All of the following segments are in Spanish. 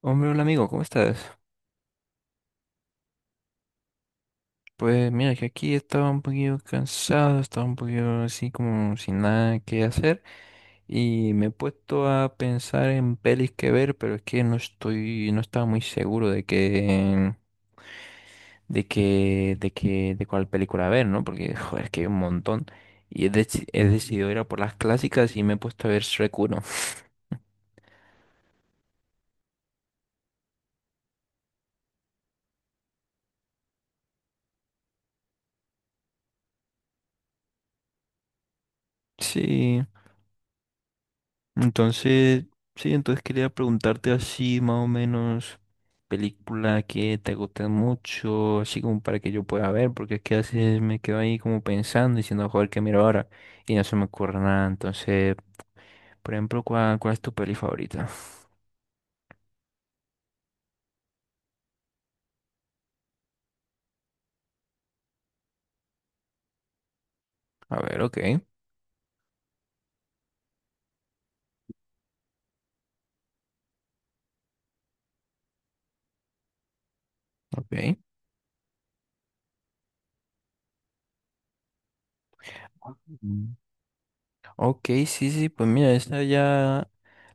Hombre, hola amigo, ¿cómo estás? Pues mira que aquí estaba un poquito cansado, estaba un poquito así como sin nada que hacer y me he puesto a pensar en pelis que ver, pero es que no estoy, no estaba muy seguro de de cuál película ver, ¿no? Porque joder, es que hay un montón y he decidido ir a por las clásicas y me he puesto a ver Shrek uno. Sí. Entonces, sí, entonces quería preguntarte así más o menos película que te guste mucho, así como para que yo pueda ver, porque es que a veces me quedo ahí como pensando, diciendo, joder, ¿qué miro ahora? Y no se me ocurre nada. Entonces, por ejemplo, cuál es tu peli favorita? A ver, ok, ok. Mm. Ok, sí, sí, pues mira, esa ya,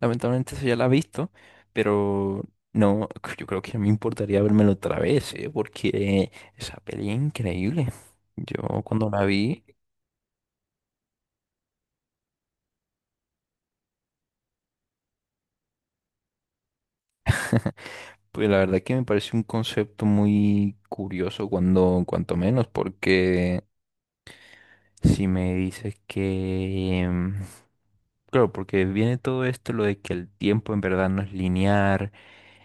lamentablemente esa ya la he visto, pero no, yo creo que no me importaría vérmelo otra vez, ¿eh? Porque esa peli es increíble. Yo cuando la vi, pues la verdad que me parece un concepto muy curioso cuando, cuanto menos. Porque si me dices que... claro, porque viene todo esto, lo de que el tiempo en verdad no es lineal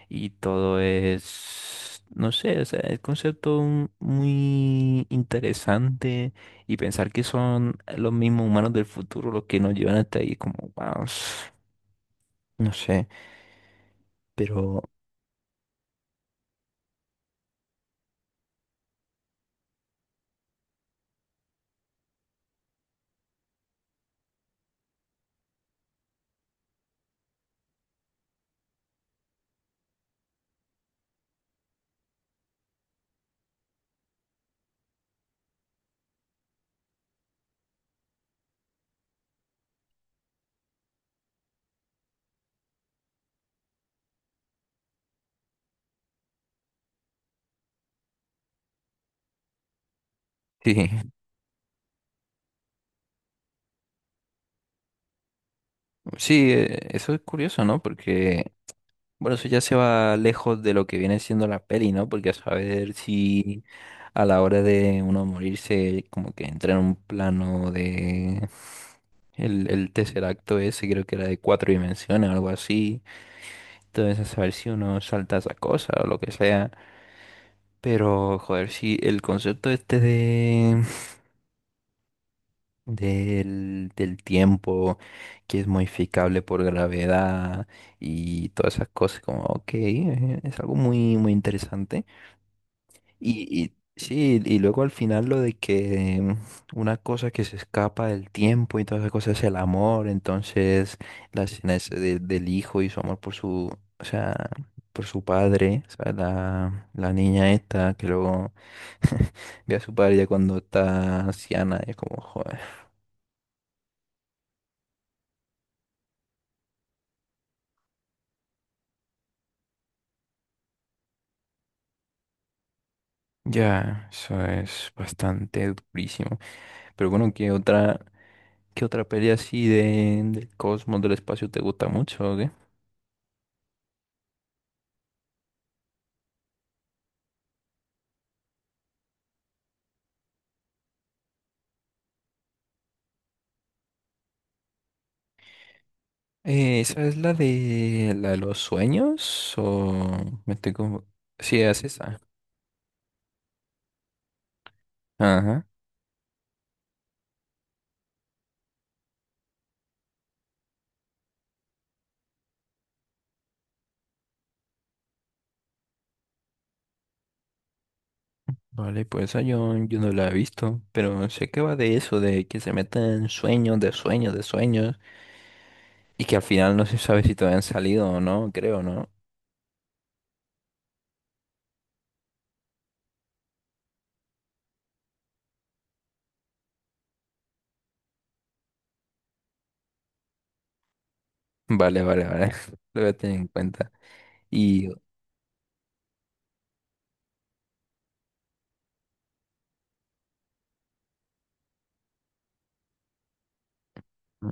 y todo es, no sé, o sea, el concepto muy interesante, y pensar que son los mismos humanos del futuro los que nos llevan hasta ahí, como, wow, no sé, pero sí, sí, eso es curioso, ¿no? Porque bueno, eso ya se va lejos de lo que viene siendo la peli, ¿no? Porque a saber si a la hora de uno morirse, como que entra en un plano de... el tercer acto ese creo que era de cuatro dimensiones o algo así. Entonces, a saber si uno salta esa cosa o lo que sea. Pero, joder, si el concepto este de... del tiempo que es modificable por gravedad y todas esas cosas, como, ok, es algo muy, muy interesante. Y sí, y luego al final lo de que una cosa que se escapa del tiempo y todas esas cosas es el amor, entonces la escena es del hijo y su amor por su, o sea, por su padre, o sea, la niña esta que luego ve a su padre ya cuando está anciana, es como, joder. Ya, eso es bastante durísimo. Pero bueno, qué otra peli así de, del cosmos, del espacio te gusta mucho? ¿Esa es la de los sueños? ¿O me estoy como... Sí, es esa. Ajá. Vale, pues esa yo, yo no la he visto, pero sé que va de eso, de que se meten sueños, de sueños, de sueños, y que al final no se sabe si todavía han salido o no, creo, ¿no? Vale, vale, vale. Lo voy a tener en cuenta. Y... mm,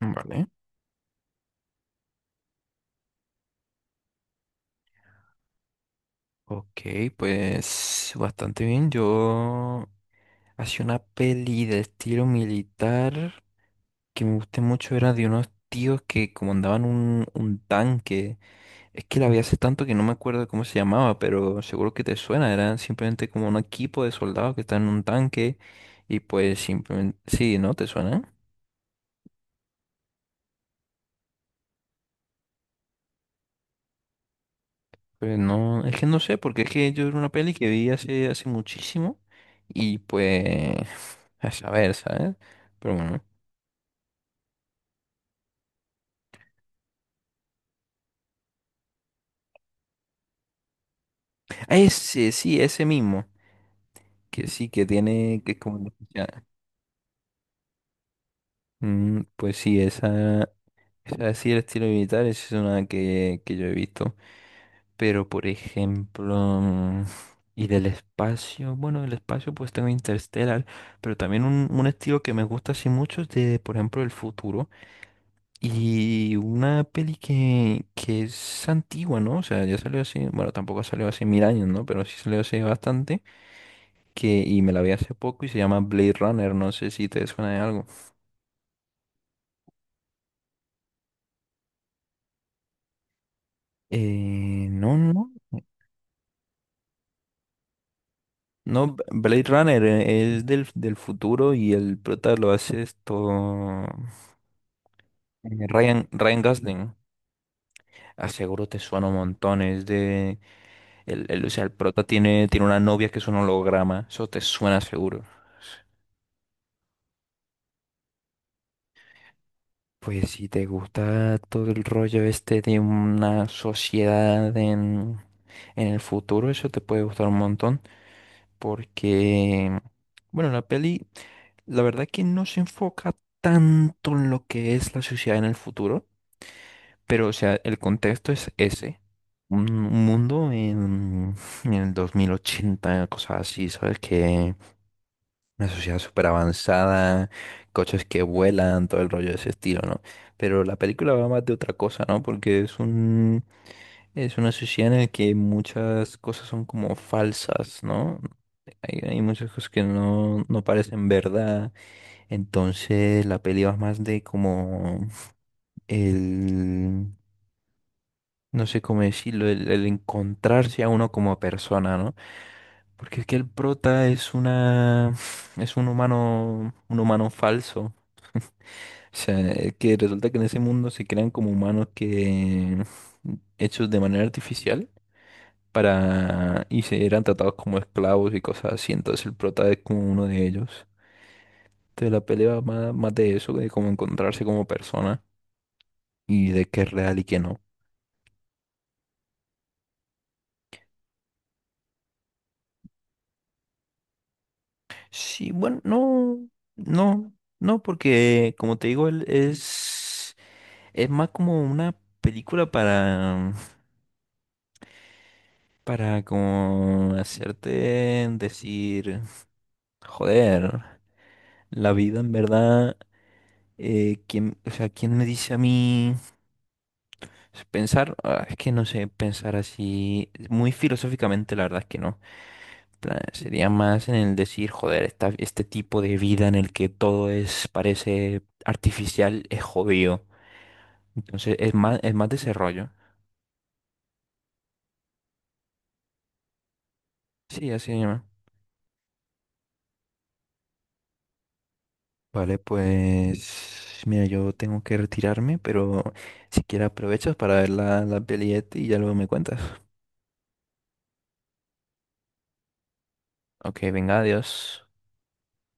vale. Ok, pues bastante bien. Yo hacía una peli de estilo militar que me gusté mucho, era de unos tíos que comandaban un tanque. Es que la vi hace tanto que no me acuerdo cómo se llamaba, pero seguro que te suena. Era simplemente como un equipo de soldados que está en un tanque y pues simplemente... Sí, ¿no? ¿Te suena? Pues no, es que no sé, porque es que yo era una peli que vi hace, hace muchísimo y pues... A saber, ¿sabes? Pero bueno. Ah, ese, sí, ese mismo. Que sí, que tiene... que es como... Mm, pues sí, esa, así el estilo militar es una que yo he visto. Pero por ejemplo, mm, y del espacio, bueno, del espacio pues tengo Interstellar, pero también un estilo que me gusta así mucho es de, por ejemplo, el futuro. Y una peli que es antigua, ¿no? O sea, ya salió hace, bueno, tampoco salió hace mil años, ¿no? Pero sí salió hace bastante, que, y me la vi hace poco y se llama Blade Runner, no sé si te suena de algo. No, no. No, Blade Runner es del futuro y el prota lo hace esto. Ryan, Ryan Gosling. Aseguro te suena un montón. Es de. O sea, el prota tiene, tiene una novia que es un holograma. Eso te suena seguro. Pues si te gusta todo el rollo este de una sociedad en el futuro, eso te puede gustar un montón. Porque. Bueno, la peli. La verdad que no se enfoca tanto en lo que es la sociedad en el futuro, pero o sea, el contexto es ese. Un mundo en el 2080, cosas así, ¿sabes? Que una sociedad súper avanzada, coches que vuelan, todo el rollo de ese estilo, ¿no? Pero la película va más de otra cosa, ¿no? Porque es un, es una sociedad en la que muchas cosas son como falsas, ¿no? Hay muchas cosas que no, no parecen verdad, entonces la peli va más de como el, no sé cómo decirlo, el encontrarse a uno como persona, ¿no? Porque es que el prota es una, es un humano falso. O sea, es que resulta que en ese mundo se crean como humanos que hechos de manera artificial para y se eran tratados como esclavos y cosas así. Entonces el prota es como uno de ellos. Entonces la pelea va más, más de eso, de cómo encontrarse como persona, y de qué es real y qué no. Sí, bueno, no, no, no, porque como te digo, él es más como una película para como hacerte decir, joder, la vida en verdad, ¿quién, o sea, quién me dice a mí pensar? Ah, es que no sé, pensar así, muy filosóficamente, la verdad es que no. Plan, sería más en el decir, joder, este tipo de vida en el que todo es, parece artificial, es jodido. Entonces es más desarrollo. Sí, así se llama. Vale, pues mira, yo tengo que retirarme, pero si quieres aprovechas para ver la peli esta y ya luego me cuentas. Ok, venga, adiós.